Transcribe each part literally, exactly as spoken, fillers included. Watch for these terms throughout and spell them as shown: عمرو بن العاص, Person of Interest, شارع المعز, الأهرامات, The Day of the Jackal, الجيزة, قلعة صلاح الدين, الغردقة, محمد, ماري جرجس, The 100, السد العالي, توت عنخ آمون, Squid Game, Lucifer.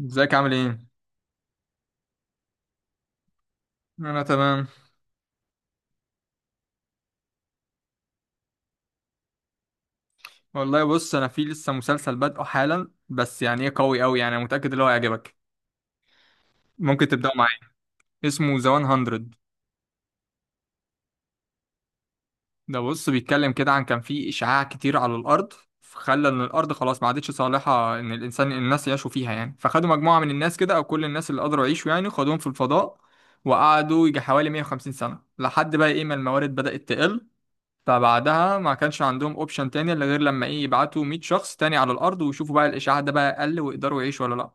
ازيك عامل ايه؟ انا تمام. والله بص، انا في لسه مسلسل بادئه حالا، بس يعني ايه قوي قوي، يعني انا متاكد ان هو هيعجبك. ممكن تبداوا معايا. اسمه ذا هاندرد. ده بص بيتكلم كده عن كان في اشعاع كتير على الارض، خلى ان الارض خلاص ما عادتش صالحه ان الانسان الناس يعيشوا فيها، يعني فخدوا مجموعه من الناس كده، او كل الناس اللي قدروا يعيشوا يعني خدوهم في الفضاء. وقعدوا يجي حوالي مية وخمسين سنة سنه، لحد بقى ايه ما الموارد بدات تقل. فبعدها ما كانش عندهم اوبشن تاني الا غير لما ايه يبعتوا 100 شخص تاني على الارض ويشوفوا بقى الاشعاع ده بقى قل ويقدروا يعيشوا ولا لا.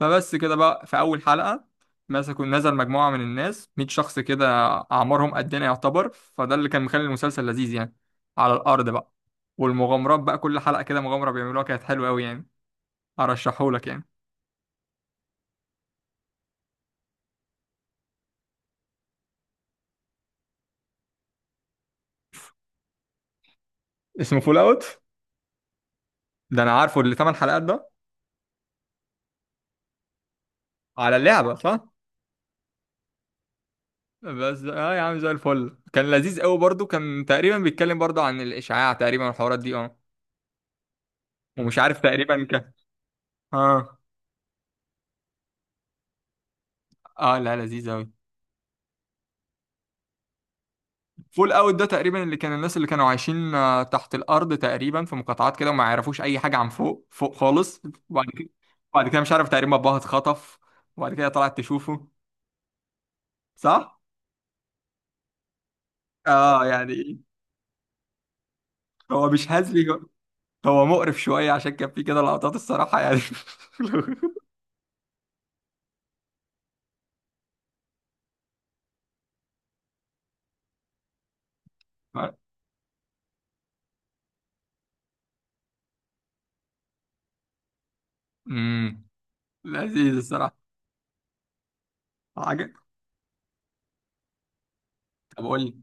فبس كده بقى في اول حلقة مسكوا نزل مجموعة من الناس، 100 شخص كده، اعمارهم قدنا يعتبر. فده اللي كان مخلي المسلسل لذيذ يعني، على الارض بقى. والمغامرات بقى كل حلقة كده مغامرة بيعملوها كانت حلوة قوي يعني، ارشحهولك يعني. اسمه فول اوت. ده انا عارفه اللي 8 حلقات ده. على اللعبة صح. بس اه يا عم زي الفل، كان لذيذ قوي برضو، كان تقريبا بيتكلم برضو عن الاشعاع تقريبا والحوارات دي اه. ومش عارف تقريبا كان. اه. اه لا لذيذ قوي. فول اوت ده تقريبا اللي كان الناس اللي كانوا عايشين آه، تحت الارض تقريبا في مقاطعات كده وما يعرفوش اي حاجه عن فوق فوق خالص. وبعد كده وبعد كده مش عارف تقريبا باباها اتخطف، وبعد كده طلعت تشوفه. صح. اه يعني. هو مش هزلي. هو مقرف شويه عشان كان في كده لقطات الصراحه يعني. امم، لذيذ الصراحه. طب قول لي.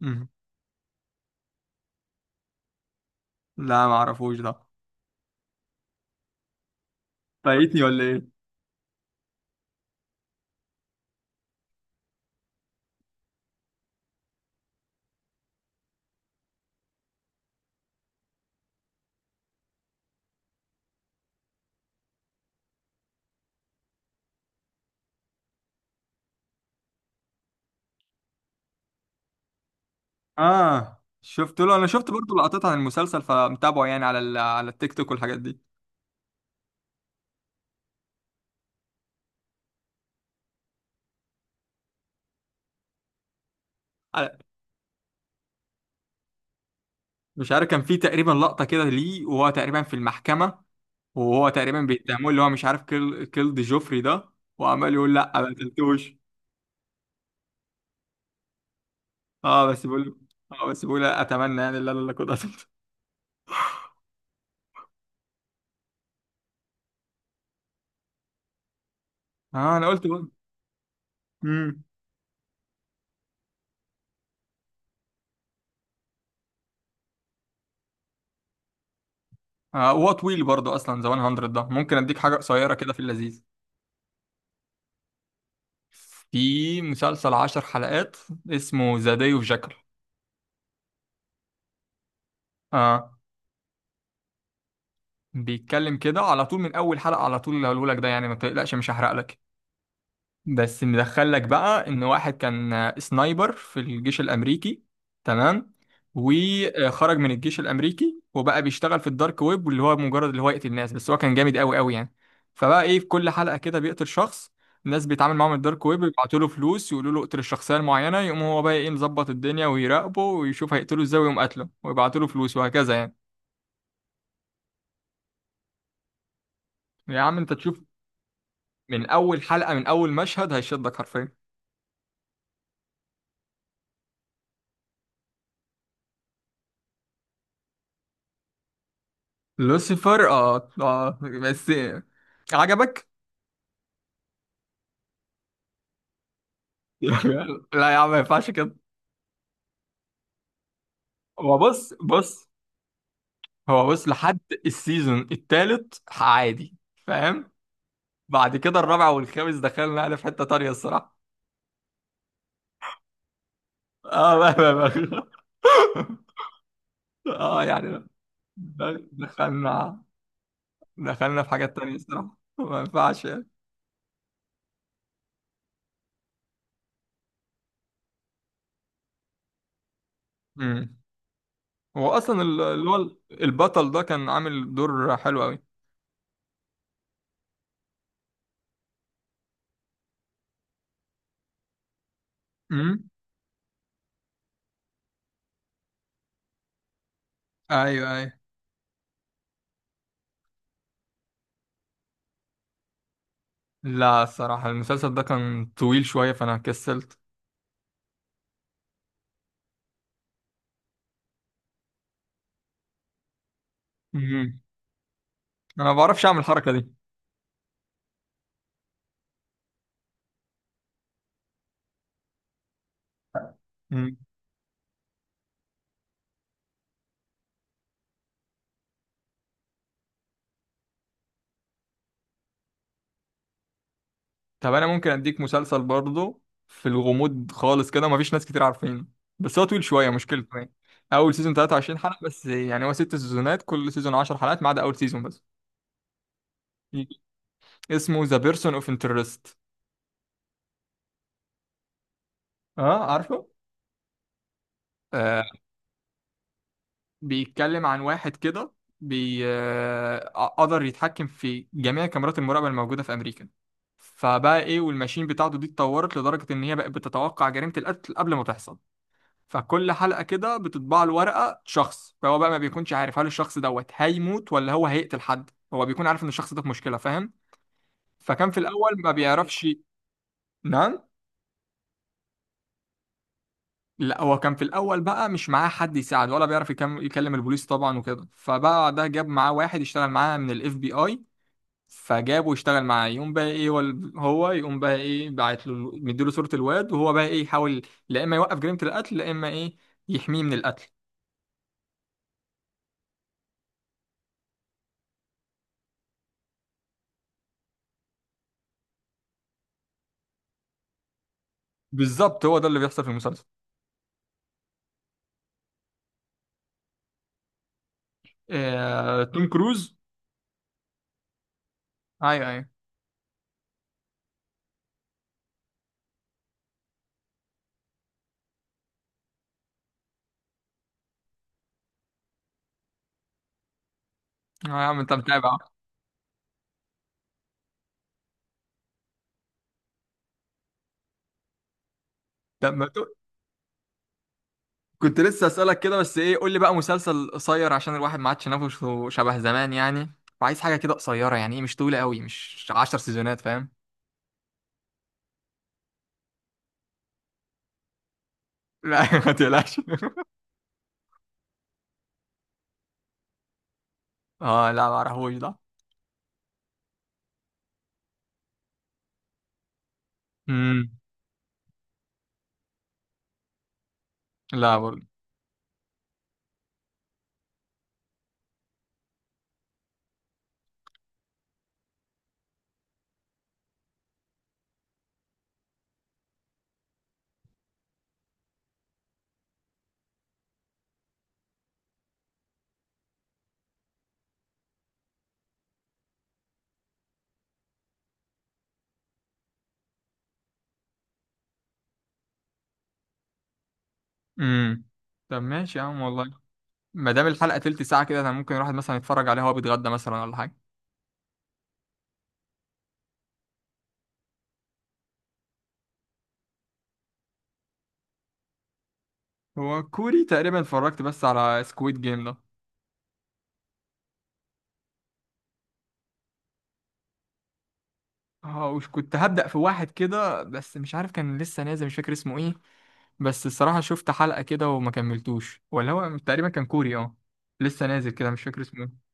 مم. لا ما اعرفوش ده. فايتني ولا ايه. اه شفت له، انا شفت برضو لقطات عن المسلسل فمتابعه يعني على ال... على التيك توك والحاجات دي. على... مش عارف كان في تقريبا لقطة كده ليه وهو تقريبا في المحكمة، وهو تقريبا بيتهموه اللي هو مش عارف كيل كيلد جوفري ده. وعمال يقول لا ما قتلتوش. اه بس بقول اه بس بقول اتمنى يعني لا لا لا كنت قتلت. اه انا قلت بقى. امم. آه هو طويل برضو اصلا ذا هاندرد ده، ممكن اديك حاجة قصيرة كده في اللذيذ. في مسلسل عشر حلقات، اسمه ذا داي اوف جاكل. اه بيتكلم كده على طول من اول حلقة، على طول اللي هقوله لك ده يعني ما تقلقش مش هحرق لك. بس مدخل لك بقى ان واحد كان سنايبر في الجيش الامريكي، تمام. وخرج من الجيش الامريكي وبقى بيشتغل في الدارك ويب، واللي هو مجرد اللي هو يقتل الناس، بس هو كان جامد قوي قوي يعني. فبقى ايه في كل حلقة كده بيقتل شخص. الناس بيتعامل معاهم الدارك ويب، بيبعتوا له فلوس يقولوا له اقتل الشخصية المعينة، يقوم هو بقى ايه مظبط الدنيا ويراقبه ويشوف هيقتله ازاي، ويقوم قاتله ويبعتوا له فلوس وهكذا يعني. يا عم انت تشوف، من اول حلقة من اول مشهد هيشدك حرفيا. لوسيفر، اه اه بس. عجبك؟ لا يا عم ما ينفعش كده. هو بص بص هو بص لحد السيزون التالت عادي. فاهم؟ بعد كده الرابع والخامس دخلنا يعني في حتة تانية الصراحة. اه بقى بقى بقى. اه يعني. دخلنا دخلنا في حاجات تانية الصراحة ما ينفعش يعني. امم. هو اصلا ال- اللي هو البطل ده كان عامل دور حلو قوي. امم. ايوه. لا الصراحة المسلسل ده كان طويل شوية فأنا كسلت. مم. أنا ما بعرفش أعمل الحركة دي. مم. طب أنا ممكن أديك مسلسل برضه، في الغموض خالص كده مفيش ناس كتير عارفينه، بس هو طويل شوية مشكلته يعني. أول سيزون 23 حلقة بس، يعني هو ست سيزونات، كل سيزون 10 حلقات، ما عدا أول سيزون بس. مم. اسمه ذا بيرسون اوف انترست. أه عارفه؟ آه، بيتكلم عن واحد كده، بي آه، آه، قدر يتحكم في جميع كاميرات المراقبة الموجودة في أمريكا. فبقى إيه، والماشين بتاعته دي اتطورت لدرجة إن هي بقت بتتوقع جريمة القتل قبل ما تحصل. فكل حلقة كده بتطبع له ورقة شخص، فهو بقى ما بيكونش عارف هل الشخص دوت هيموت ولا هو هيقتل حد، هو بيكون عارف إن الشخص ده في مشكلة، فاهم. فكان في الأول ما بيعرفش. نعم. لا هو كان في الاول بقى مش معاه حد يساعد، ولا بيعرف يكم- يكلم البوليس طبعا وكده، فبقى ده جاب معاه واحد يشتغل معاه من الاف بي اي، فجابه يشتغل معاه، يقوم بقى ايه هو هو يقوم بقى ايه باعت له مديله صورة الواد، وهو بقى ايه يحاول لا اما يوقف جريمة القتل، لا اما ايه يحميه من القتل. بالظبط هو ده اللي بيحصل في المسلسل. آه... توم كروز. ايوه ايوه. آه، يا عم انت متابع. طب ما تو-. كنت لسه اسالك كده، بس ايه قول لي بقى مسلسل قصير عشان الواحد ما عادش نفسه شبه زمان يعني، وعايز حاجة كده قصيرة يعني ايه، مش طويلة قوي، مش 10 سيزونات فاهم. لا ما تقلقش. اه لا ما اعرفوش ده. امم. لا. امم طب ماشي يا عم والله. ما دام الحلقة تلت ساعة كده، انا ممكن الواحد مثلا يتفرج عليها وهو بيتغدى مثلا ولا حاجة. هو كوري تقريبا، اتفرجت بس على سكويد جيم ده. اه وش كنت هبدأ في واحد كده، بس مش عارف كان لسه نازل مش فاكر اسمه ايه، بس الصراحة شفت حلقة كده وما كملتوش، ولا هو تقريبا كان كوري اه، لسه نازل كده مش فاكر اسمه ايه.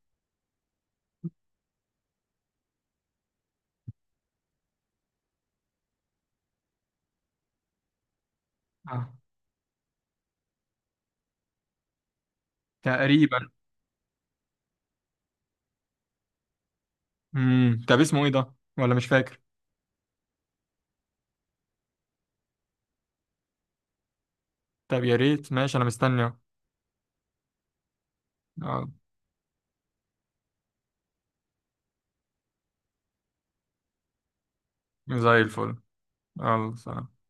اه تقريبا. امم، طب اسمه ايه ده ولا مش فاكر. طب يا ريت ماشي، انا مستني اهو. اه. زي الفل، يلا سلام.